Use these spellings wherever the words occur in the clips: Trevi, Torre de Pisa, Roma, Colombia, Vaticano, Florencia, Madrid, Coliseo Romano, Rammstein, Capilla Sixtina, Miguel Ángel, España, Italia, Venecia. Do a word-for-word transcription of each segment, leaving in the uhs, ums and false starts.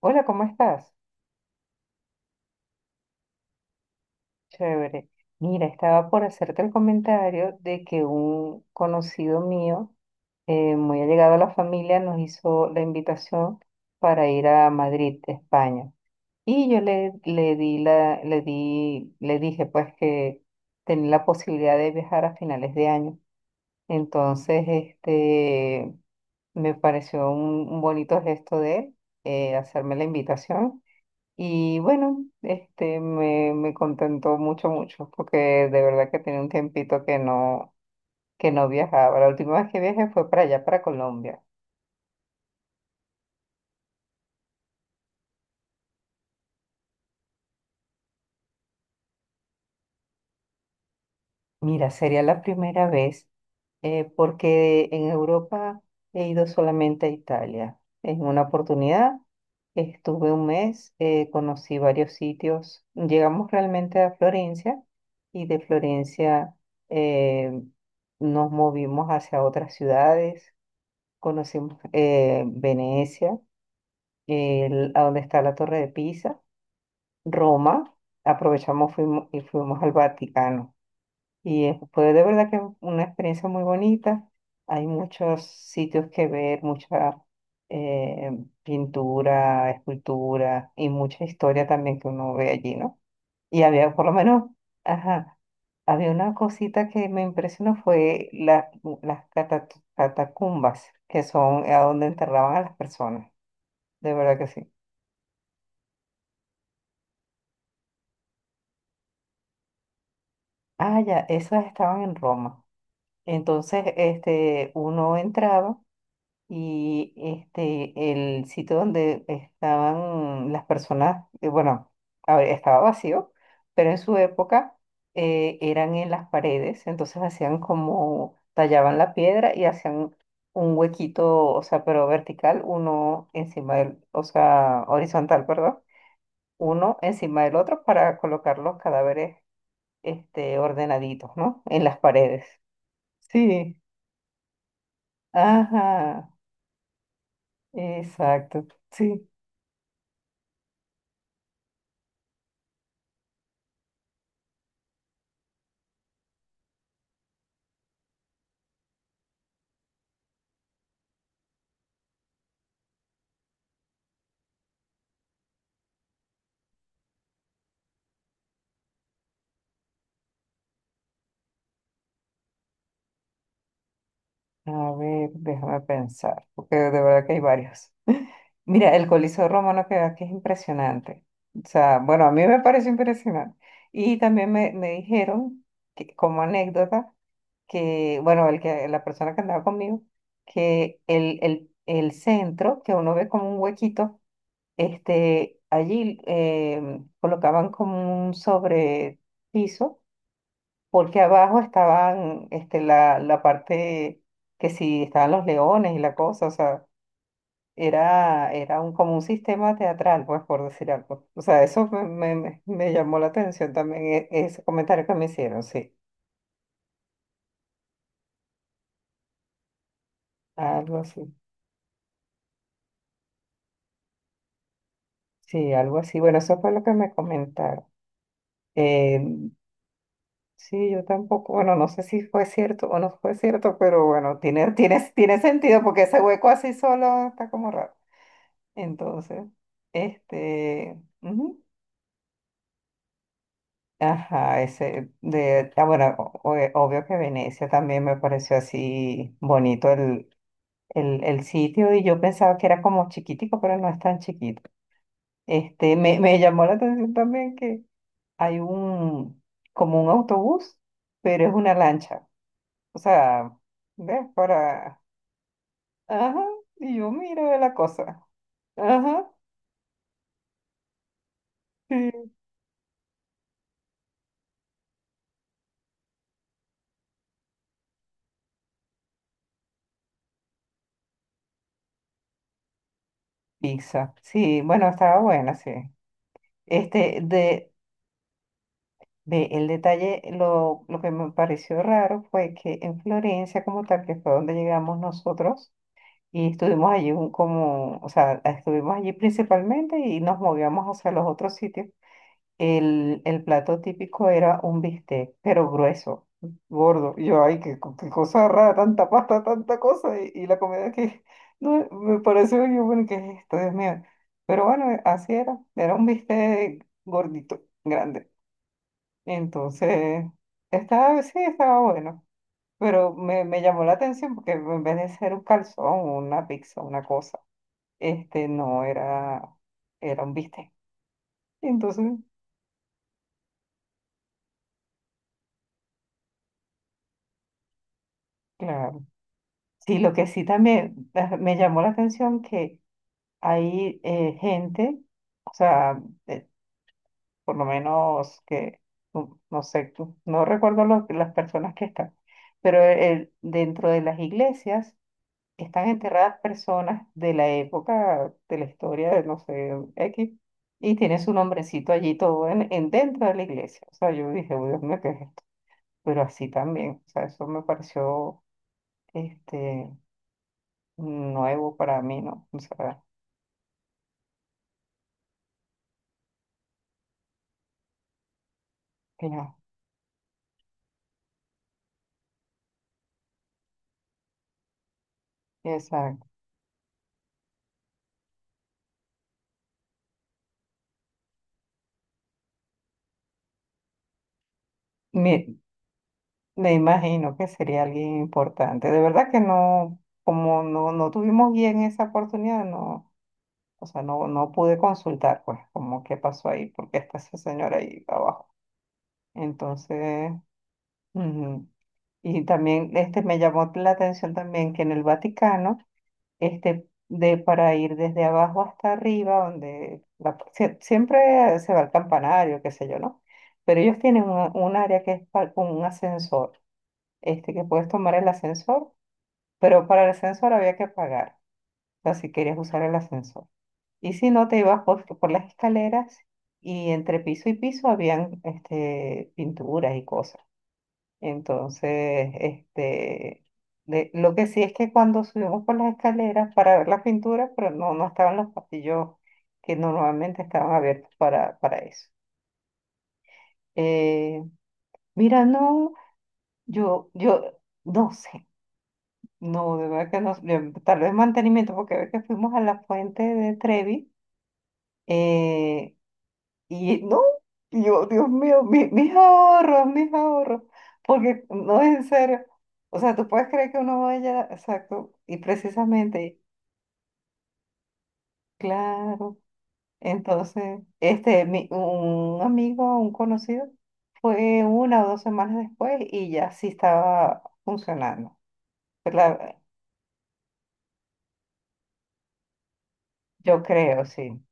Hola, ¿cómo estás? Chévere. Mira, estaba por hacerte el comentario de que un conocido mío, eh, muy allegado a la familia, nos hizo la invitación para ir a Madrid, España. Y yo le, le di la, le di, le dije pues que tenía la posibilidad de viajar a finales de año. Entonces, este, me pareció un, un bonito gesto de él, eh, hacerme la invitación. Y bueno, este me, me contentó mucho, mucho, porque de verdad que tenía un tiempito que no, que no viajaba. La última vez que viajé fue para allá, para Colombia. Mira, sería la primera vez, eh, porque en Europa he ido solamente a Italia. En una oportunidad estuve un mes, eh, conocí varios sitios. Llegamos realmente a Florencia y de Florencia eh, nos movimos hacia otras ciudades. Conocimos eh, Venecia, el- a donde está la Torre de Pisa, Roma, aprovechamos fuimo- y fuimos al Vaticano. Y eh, fue de verdad que una experiencia muy bonita. Hay muchos sitios que ver, mucha eh, pintura, escultura y mucha historia también que uno ve allí, ¿no? Y había, por lo menos, ajá, había una cosita que me impresionó, fue la- las cata- catacumbas, que son a donde enterraban a las personas, de verdad que sí. Ah, ya, esas estaban en Roma. Entonces, este, uno entraba. Y este, el sitio donde estaban las personas, eh, bueno, a ver, estaba vacío, pero en su época eh, eran en las paredes, entonces hacían como, tallaban la piedra y hacían un huequito, o sea, pero vertical, uno encima del, o sea, horizontal, perdón, uno encima del otro para colocar los cadáveres, este, ordenaditos, ¿no? En las paredes. Sí, ajá, exacto, sí. A ver, déjame pensar, porque de verdad que hay varios. Mira, el Coliseo Romano que aquí es impresionante. O sea, bueno, a mí me parece impresionante. Y también me, me dijeron, que, como anécdota, que, bueno, el que, la persona que andaba conmigo, que el, el, el centro, que uno ve como un huequito, este, allí eh, colocaban como un sobrepiso porque abajo estaban este, la, la parte que sí estaban los leones y la cosa, o sea, era, era un, como un sistema teatral, pues, por decir algo. O sea, eso me, me- me- me llamó la atención también, e- ese comentario que me hicieron, sí, algo así, sí, algo así. Bueno, eso fue lo que me comentaron. Eh, sí, yo tampoco, bueno, no sé si fue cierto o no fue cierto, pero bueno, tiene, tiene, tiene sentido porque ese hueco así solo está como raro. Entonces, este... ujú. Ajá, ese de, ah, bueno, o- o- eh, obvio que Venecia también me pareció así bonito el, el, el sitio y yo pensaba que era como chiquitico, pero no es tan chiquito. Este, me, me llamó la atención también que hay un, como un autobús, pero es una lancha. O sea, ¿ves? Para, ajá, y yo miro la cosa. Ajá, sí. Pizza, sí, bueno, estaba buena, sí. Este, de, Ve, el detalle, lo, lo que me pareció raro fue que en Florencia, como tal, que fue donde llegamos nosotros, y estuvimos allí un- como, o sea, estuvimos allí principalmente y nos movíamos hacia los otros sitios. El, el plato típico era un bistec, pero grueso, gordo. Y yo, ay, qué, co- qué cosa rara, tanta pasta, tanta cosa, y, y la comida que, no, me pareció, yo, bueno, ¿qué es esto? Dios mío. Pero bueno, así era, era un bistec gordito, grande. Entonces, estaba, sí, estaba bueno, pero me, me llamó la atención porque en vez de ser un calzón, una pizza, una cosa, este no era, era un bistec. Entonces, claro. Sí, lo que sí también eh, me llamó la atención que hay eh, gente, o sea, eh, por lo menos que, no, no sé, tú- no recuerdo lo- las personas que están, pero el- dentro de las iglesias están enterradas personas de la época de la historia de no sé X y tiene su nombrecito allí todo en, en dentro de la iglesia. O sea, yo dije, "Uy, Dios mío, ¿qué es esto?". Pero así también, o sea, eso me pareció este nuevo para mí, ¿no? O sea, que yo, esa- me, me imagino que sería alguien importante. De verdad que no, como no, no tuvimos bien esa oportunidad, no. O sea, no, no pude consultar, pues, como qué pasó ahí, porque está esa señora ahí abajo. Entonces, ujú. Y también este me llamó la atención también que en el Vaticano, este de para ir desde abajo hasta arriba, donde la- sie- siempre se va al campanario, qué sé yo, ¿no? Pero ellos tienen un, un área que es pa- con un ascensor, este que puedes tomar el ascensor, pero para el ascensor había que pagar, o sea, si querías usar el ascensor. Y si no, te ibas por, por las escaleras y entre piso y piso habían este, pinturas y cosas. Entonces, este, de- lo que sí es que cuando subimos por las escaleras para ver las pinturas, pero no, no estaban los pasillos que normalmente estaban abiertos para, para eso. Eh, mira, no, yo, yo, no sé, no, de verdad que no, yo- tal vez mantenimiento, porque ve que fuimos a la fuente de Trevi, eh, y no, y yo, Dios mío, mi- mis ahorros, mis ahorros, porque no es en serio. O sea, tú puedes creer que uno vaya, exacto, y precisamente, claro. Entonces, este, mi, un amigo, un conocido, fue una o dos semanas después y ya sí estaba funcionando. Claro, yo creo, sí,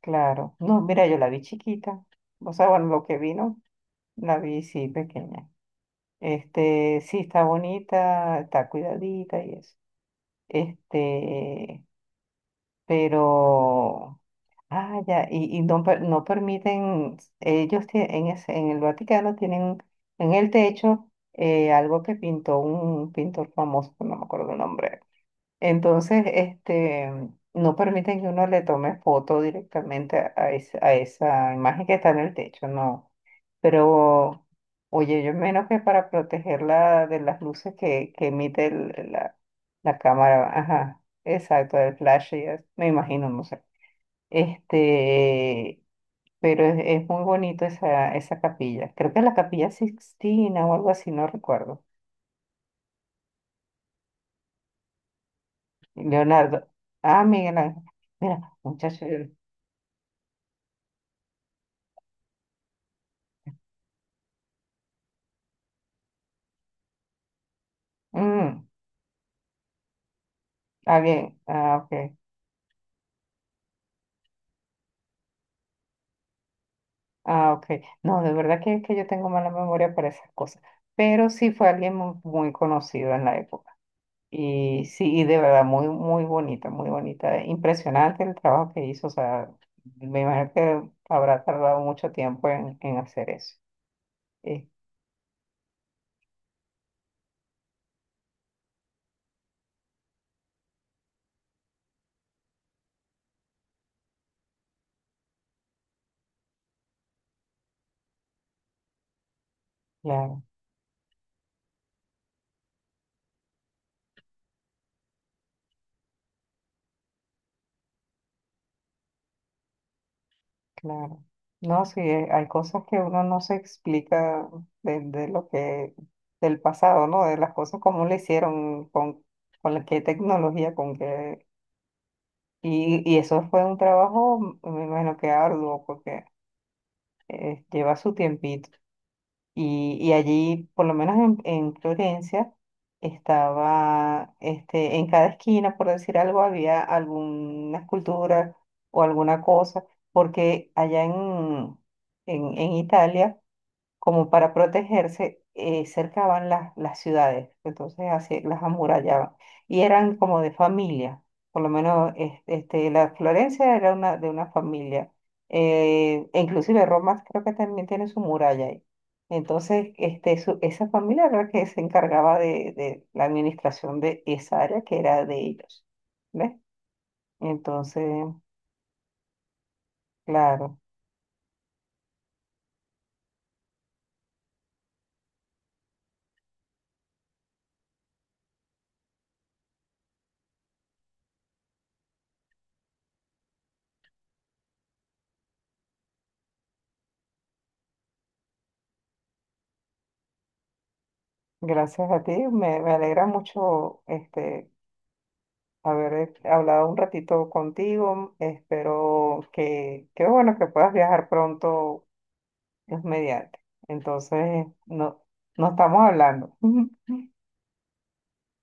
claro. No, mira, yo la vi chiquita. O sea, bueno, lo que vino, la vi sí pequeña. Este, sí, está bonita, está cuidadita y eso. Este, pero, ah, ya, y, y no, per- no permiten, ellos tie- en, ese- en el Vaticano tienen en el techo eh, algo que pintó un pintor famoso, que no me acuerdo el nombre, entonces, este, no permiten que uno le tome foto directamente a, a esa a esa imagen que está en el techo, no. Pero, oye, yo menos que para protegerla de las luces que, que emite el- la, la cámara, ajá, exacto, el flash, y es- me imagino, no sé. Este, pero es, es muy bonito esa, esa capilla. Creo que es la Capilla Sixtina o algo así, no recuerdo. Leonardo. Ah, Miguel Ángel. Mira, muchacho. Mm. Ah, bien. Ah, ok. Ah, ok. No, de verdad que, que yo tengo mala memoria para esas cosas. Pero sí fue alguien mu- muy conocido en la época. Y sí, y de verdad, muy, muy bonita, muy bonita. Impresionante el trabajo que hizo. O sea, me imagino que habrá tardado mucho tiempo en, en hacer eso. Eh, claro, claro. No, sí, eh, hay cosas que uno no se explica de, de lo que, del pasado, ¿no? De las cosas como le hicieron, con, con la- qué tecnología, con qué. Y, y eso fue un trabajo, me imagino que arduo, porque eh, lleva su tiempito. Y, y allí, por lo menos en, en Florencia, estaba, este, en cada esquina, por decir algo, había alguna escultura o alguna cosa, porque allá en, en, en Italia como para protegerse, eh, cercaban las, las ciudades, entonces así las amurallaban. Y eran como de familia, por lo menos es- este, la Florencia era una, de una familia. Eh, e inclusive Roma creo que también tiene su muralla ahí. Entonces, este, su- esa familia era la que se encargaba de, de la administración de esa área que era de ellos. ¿Ves? Entonces, claro, gracias a ti, me, me alegra mucho este, haber eh, hablado un ratito contigo. Espero que, qué bueno que puedas viajar pronto, Dios mediante. Entonces, no, no estamos hablando.